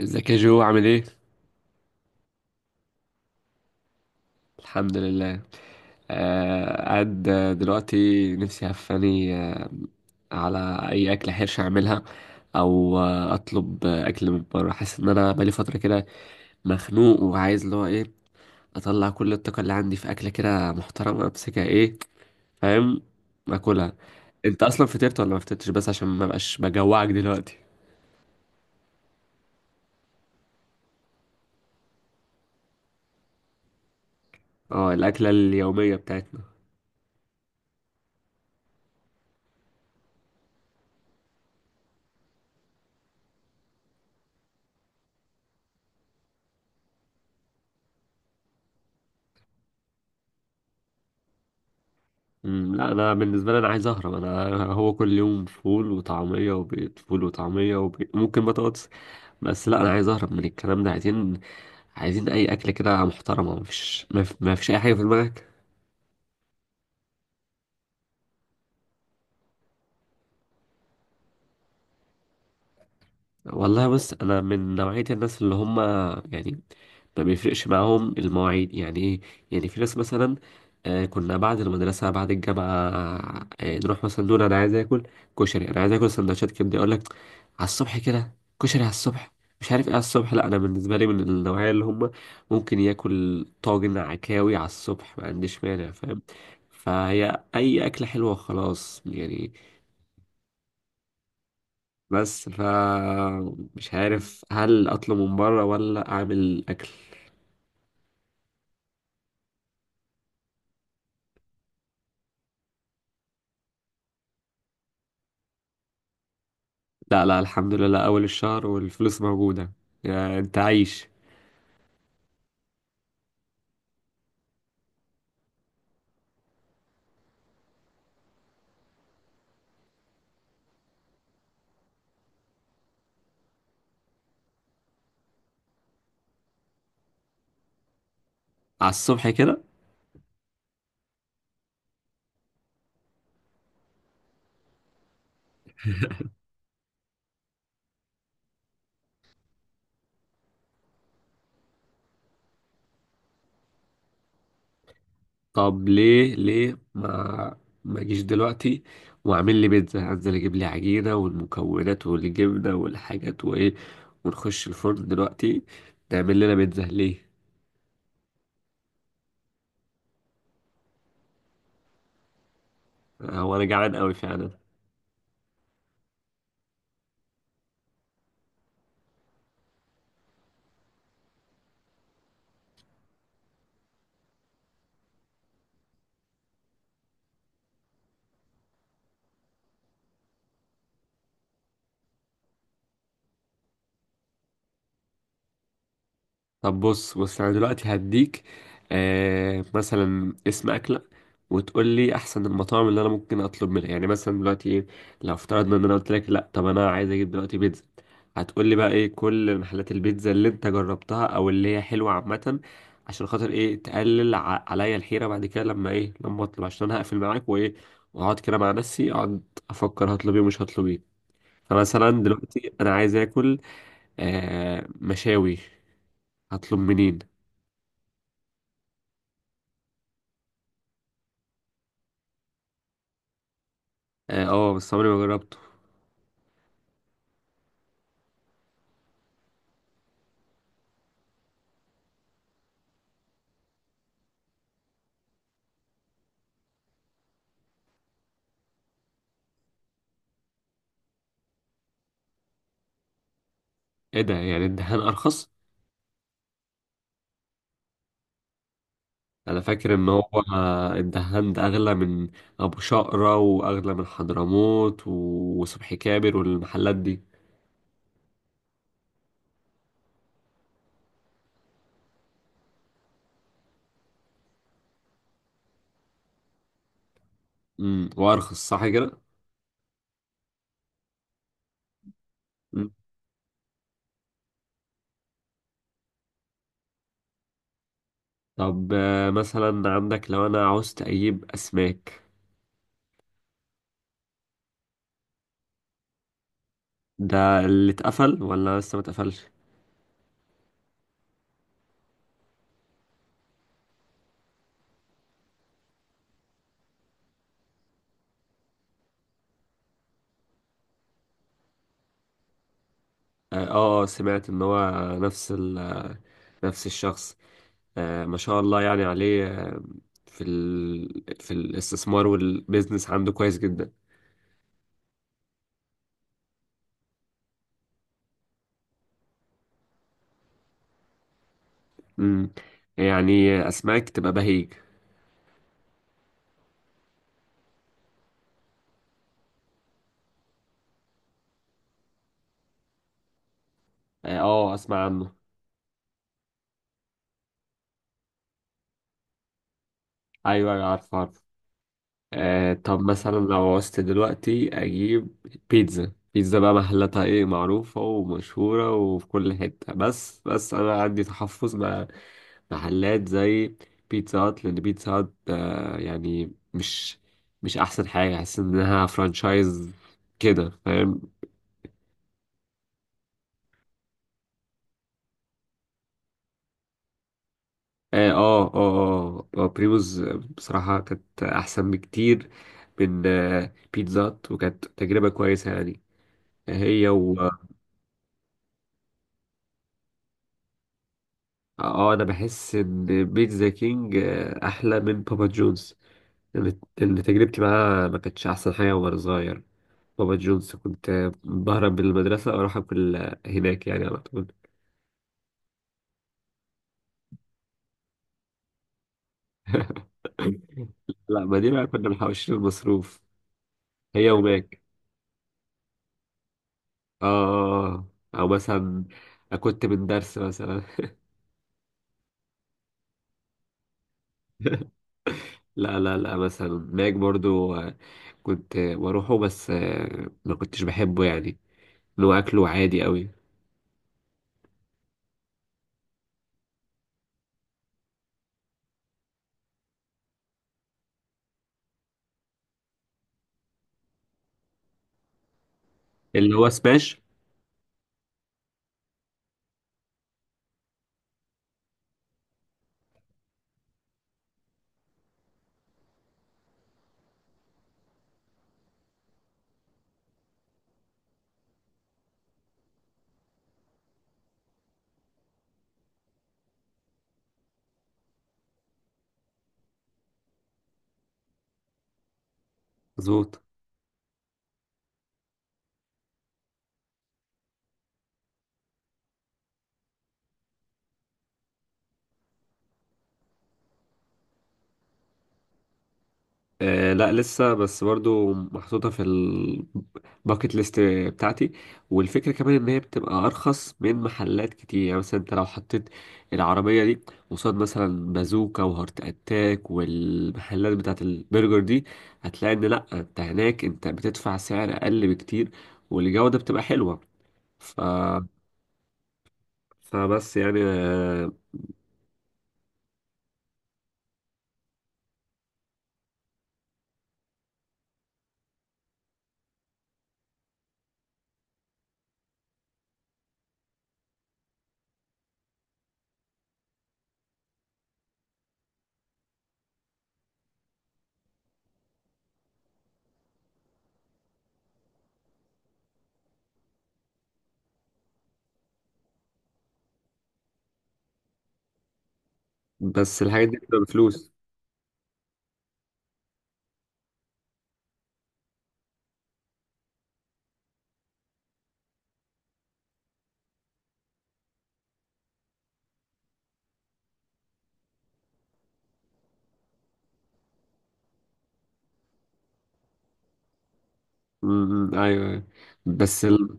ازيك يا جو، عامل ايه؟ الحمد لله. قاعد دلوقتي، نفسي هفاني على اي اكل حرش اعملها، او اطلب اكل من بره. حاسس ان انا بقالي فتره كده مخنوق، وعايز اللي هو ايه، اطلع كل الطاقه اللي عندي في اكله كده محترمه، امسكها، ايه، فاهم، اكلها. انت اصلا فطرت ولا ما فطرتش؟ بس عشان ما بقاش بجوعك دلوقتي. اه، الاكله اليوميه بتاعتنا. لا، انا بالنسبه لي انا عايز اهرب. انا هو كل يوم فول وطعميه وبيض، فول وطعميه وبيض، ممكن بطاطس. بس لا، انا عايز اهرب من الكلام ده. عايزين اي اكل كده محترمه. مفيش اي حاجه في دماغك؟ والله بص، انا من نوعيه الناس اللي هم، يعني، ما بيفرقش معاهم المواعيد. يعني ايه؟ يعني في ناس مثلا كنا بعد المدرسة، بعد الجامعة نروح مثلا نقول أنا عايز آكل كشري، أنا عايز آكل سندوتشات كبدة. يقول لك على الصبح كده؟ كشري على الصبح، مش عارف ايه على الصبح. لا، أنا بالنسبة لي من النوعية اللي هم ممكن ياكل طاجن عكاوي على الصبح، ما عنديش مانع، فاهم. فهي أي أكلة حلوة خلاص يعني. بس مش عارف هل أطلب من بره ولا أعمل أكل. لا لا، الحمد لله، أول الشهر والفلوس موجودة، يعني أنت عايش. على الصبح كده. طب ليه ما أجيش دلوقتي وأعمل لي بيتزا؟ أنزل أجيب لي عجينة والمكونات والجبنة والحاجات وإيه، ونخش الفرن دلوقتي نعمل لنا بيتزا، ليه؟ هو أنا جعان أوي فعلا. طب، بص بص، انا دلوقتي هديك مثلا اسم اكله، وتقول لي احسن المطاعم اللي انا ممكن اطلب منها. يعني مثلا دلوقتي ايه؟ لو افترضنا ان انا قلت لك لا، طب انا عايز اجيب دلوقتي بيتزا، هتقول لي بقى ايه كل محلات البيتزا اللي انت جربتها او اللي هي حلوه عامه، عشان خاطر ايه؟ تقلل عليا الحيره بعد كده، لما ايه، لما اطلب، عشان انا هقفل معاك وايه، واقعد كده مع نفسي، اقعد افكر هطلب ايه ومش هطلب ايه. فمثلا دلوقتي انا عايز اكل مشاوي، هطلب منين؟ اه، بس عمري ما جربته. ايه ده، يعني الدهان ارخص؟ انا فاكر ان هو الدهان ده اغلى من ابو شقرة، واغلى من حضرموت وصبحي كابر والمحلات دي. وارخص، صح كده. مم. طب مثلا عندك لو انا عاوزت اجيب اسماك، ده اللي اتقفل ولا لسه ما اتقفلش؟ اه، سمعت ان هو نفس نفس الشخص. ما شاء الله يعني عليه. في في الاستثمار والبيزنس عنده كويس جدا. امم يعني اسماك تبقى بهيج. اه، اسمع عنه. ايوه أيوة، عارفه عارفه. طب مثلا لو عوزت دلوقتي اجيب بيتزا، بيتزا بقى محلاتها ايه؟ معروفه ومشهوره وفي كل حته. بس انا عندي تحفظ مع محلات زي بيتزا هات، لان بيتزا هات يعني مش احسن حاجه، احس انها فرانشايز كده، فاهم. اه اه اه، بريموز. بصراحة كانت أحسن بكتير من بيتزا هات، وكانت تجربة كويسة يعني، هي و أنا بحس إن بيتزا كينج أحلى من بابا جونز. لأن تجربتي معاه ما كانتش أحسن حاجة وأنا صغير. بابا جونز كنت بهرب من المدرسة وأروح أكل هناك يعني على طول. لا ما دي بقى كنا محوشين المصروف هي وماك اه. أو مثلا كنت من درس مثلا. لا لا لا، مثلا ماك برضو كنت بروحه، بس ما كنتش بحبه يعني، اللي هو اكله عادي قوي، اللي هو سماش. مظبوط. لا لسه، بس برضو محطوطة في الباكت ليست بتاعتي. والفكرة كمان ان هي بتبقى ارخص من محلات كتير، يعني مثلا انت لو حطيت العربية دي قصاد مثلا بازوكا وهارت اتاك والمحلات بتاعت البرجر دي، هتلاقي ان لا، انت هناك انت بتدفع سعر اقل بكتير، والجودة بتبقى حلوة. ف... فبس يعني بس الحاجات دي بتبقى بفلوس. م- م، ايوه أيوة. بس ال...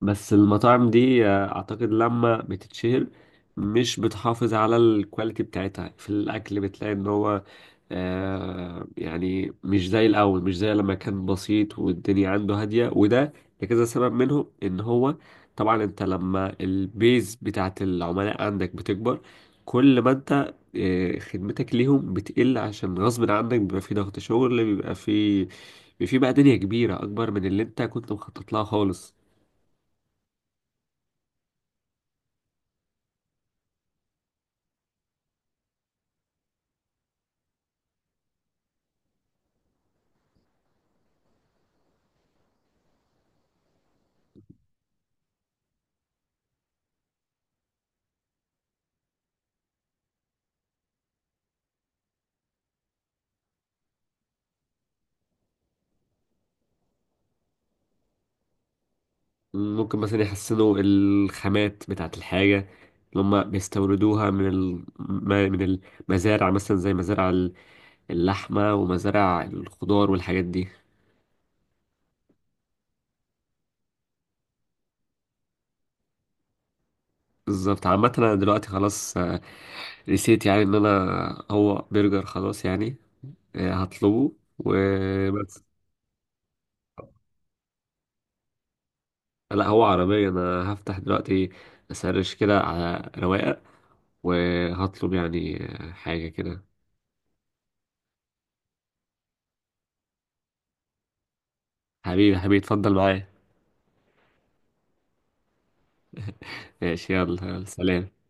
بس المطاعم دي اعتقد لما بتتشهر مش بتحافظ على الكواليتي بتاعتها في الاكل. بتلاقي ان هو يعني مش زي الأول، مش زي لما كان بسيط والدنيا عنده هادية، وده لكذا سبب منهم، إن هو طبعا أنت لما البيز بتاعت العملاء عندك بتكبر، كل ما أنت خدمتك ليهم بتقل، عشان غصب عنك بيبقى في ضغط شغل، بيبقى في بقى دنيا كبيرة أكبر من اللي أنت كنت مخطط لها خالص. ممكن مثلا يحسنوا الخامات بتاعت الحاجة اللي هم بيستوردوها من من المزارع مثلا، زي مزارع اللحمة ومزارع الخضار والحاجات دي. بالظبط. عامة أنا دلوقتي خلاص نسيت يعني إن أنا هو برجر خلاص يعني، هطلبه وبس. لا هو عربية، أنا هفتح دلوقتي أسرش كده على رواقة وهطلب يعني حاجة كده. حبيبي حبيبي، اتفضل معايا. ماشي، يلا يلا، سلام.